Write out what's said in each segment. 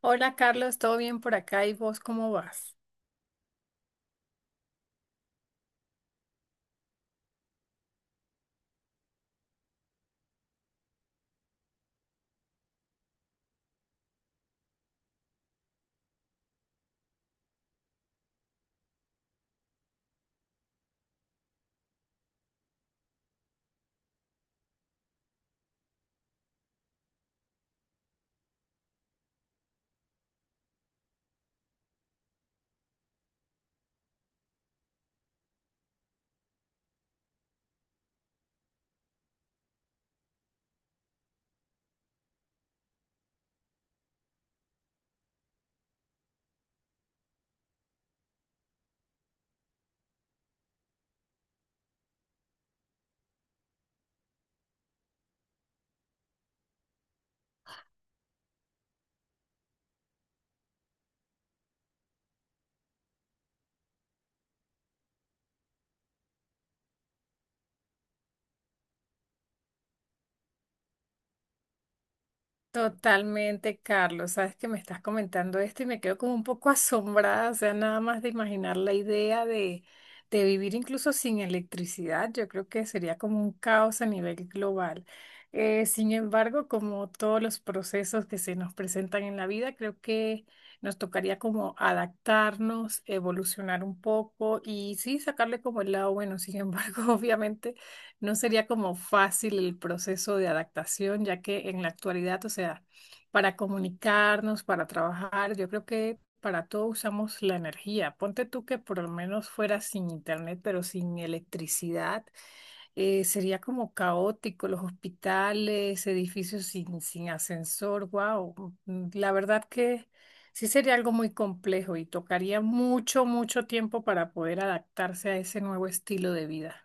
Hola Carlos, ¿todo bien por acá? ¿Y vos cómo vas? Totalmente, Carlos. Sabes que me estás comentando esto y me quedo como un poco asombrada, o sea, nada más de imaginar la idea de vivir incluso sin electricidad. Yo creo que sería como un caos a nivel global. Sin embargo, como todos los procesos que se nos presentan en la vida, creo que nos tocaría como adaptarnos, evolucionar un poco y sí, sacarle como el lado bueno. Sin embargo, obviamente no sería como fácil el proceso de adaptación, ya que en la actualidad, o sea, para comunicarnos, para trabajar, yo creo que para todo usamos la energía. Ponte tú que por lo menos fuera sin internet, pero sin electricidad, sería como caótico, los hospitales, edificios sin ascensor, wow. La verdad que sí sería algo muy complejo y tocaría mucho, mucho tiempo para poder adaptarse a ese nuevo estilo de vida.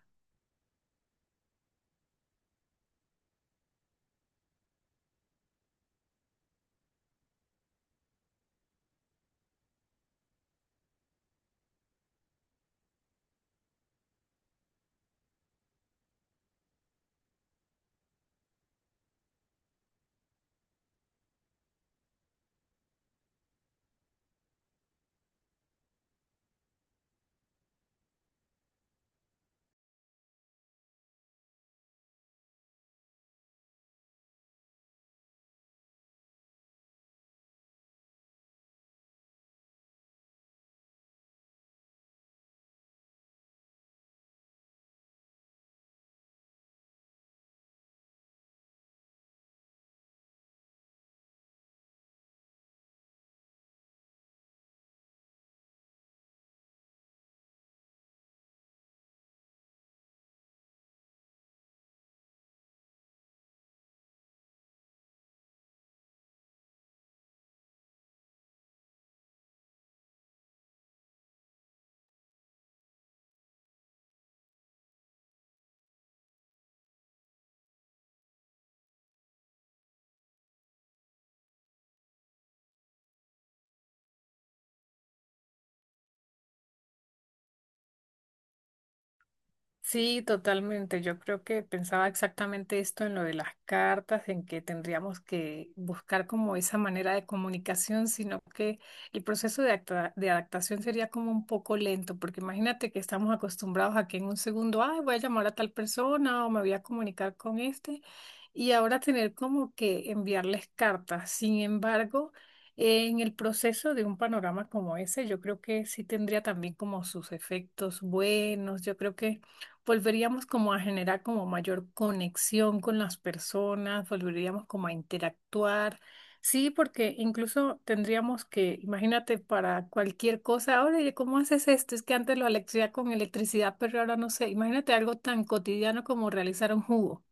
Sí, totalmente. Yo creo que pensaba exactamente esto en lo de las cartas, en que tendríamos que buscar como esa manera de comunicación, sino que el proceso de, de adaptación sería como un poco lento, porque imagínate que estamos acostumbrados a que en un segundo, ay, voy a llamar a tal persona o me voy a comunicar con este, y ahora tener como que enviarles cartas. Sin embargo, en el proceso de un panorama como ese, yo creo que sí tendría también como sus efectos buenos. Yo creo que volveríamos como a generar como mayor conexión con las personas, volveríamos como a interactuar. Sí, porque incluso tendríamos que, imagínate, para cualquier cosa, oye, ¿cómo haces esto? Es que antes lo hacía con electricidad, pero ahora no sé. Imagínate algo tan cotidiano como realizar un jugo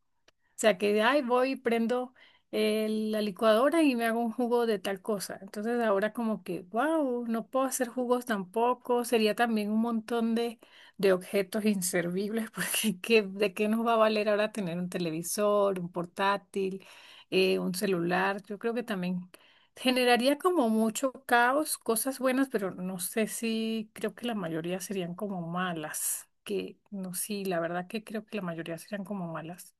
sea, que, ay, voy y prendo la licuadora y me hago un jugo de tal cosa. Entonces ahora como que, wow, no puedo hacer jugos tampoco. Sería también un montón de objetos inservibles, porque ¿de qué nos va a valer ahora tener un televisor, un portátil, un celular? Yo creo que también generaría como mucho caos, cosas buenas, pero no sé si creo que la mayoría serían como malas. Que no, sí, la verdad que creo que la mayoría serían como malas.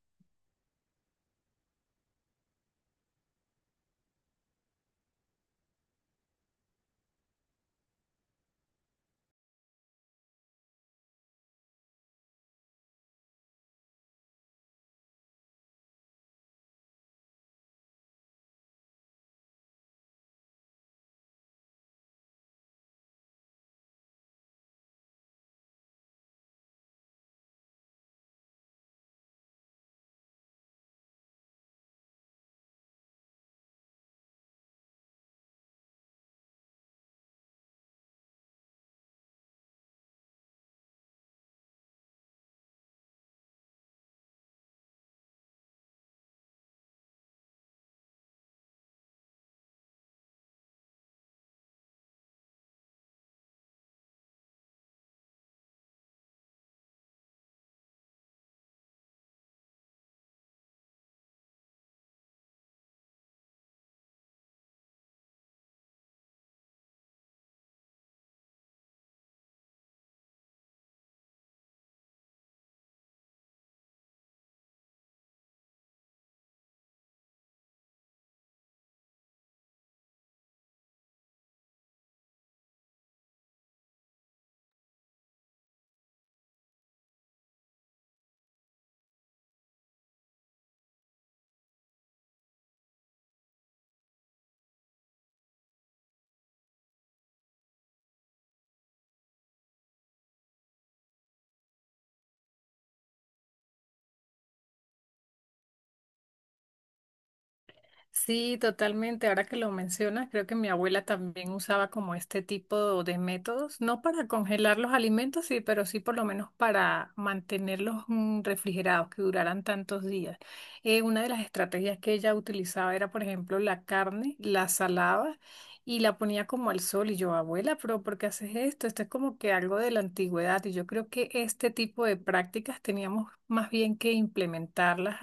Sí, totalmente. Ahora que lo mencionas, creo que mi abuela también usaba como este tipo de métodos, no para congelar los alimentos, sí, pero sí por lo menos para mantenerlos refrigerados, que duraran tantos días. Una de las estrategias que ella utilizaba era, por ejemplo, la carne, la salaba y la ponía como al sol. Y yo, abuela, pero ¿por qué haces esto? Esto es como que algo de la antigüedad. Y yo creo que este tipo de prácticas teníamos más bien que implementarlas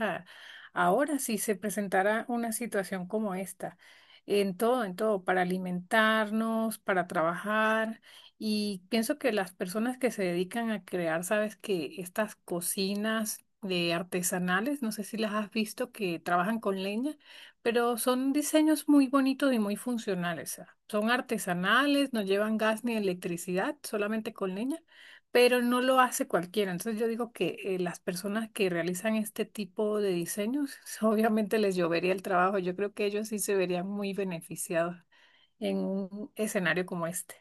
ahora, si se presentara una situación como esta, en todo, para alimentarnos, para trabajar, y pienso que las personas que se dedican a crear, sabes que estas cocinas de artesanales, no sé si las has visto, que trabajan con leña, pero son diseños muy bonitos y muy funcionales. O sea, son artesanales, no llevan gas ni electricidad, solamente con leña, pero no lo hace cualquiera. Entonces yo digo que las personas que realizan este tipo de diseños, obviamente les llovería el trabajo. Yo creo que ellos sí se verían muy beneficiados en un escenario como este.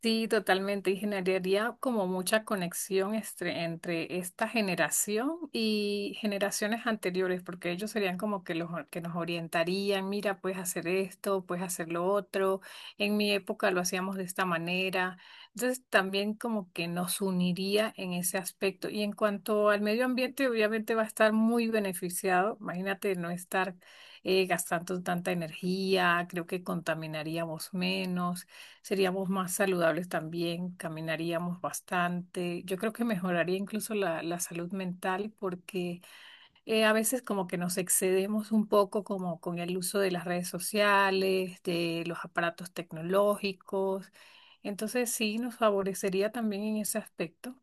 Sí, totalmente. Y generaría como mucha conexión entre esta generación y generaciones anteriores, porque ellos serían como que los que nos orientarían, mira, puedes hacer esto, puedes hacer lo otro. En mi época lo hacíamos de esta manera. Entonces también como que nos uniría en ese aspecto. Y en cuanto al medio ambiente, obviamente va a estar muy beneficiado. Imagínate no estar gastando tanta energía, creo que contaminaríamos menos. Seríamos más saludables también, caminaríamos bastante. Yo creo que mejoraría incluso la salud mental porque a veces como que nos excedemos un poco como con el uso de las redes sociales, de los aparatos tecnológicos. Entonces sí, nos favorecería también en ese aspecto.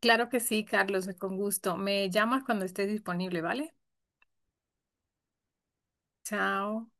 Claro que sí, Carlos, con gusto. Me llamas cuando estés disponible, ¿vale? Chao.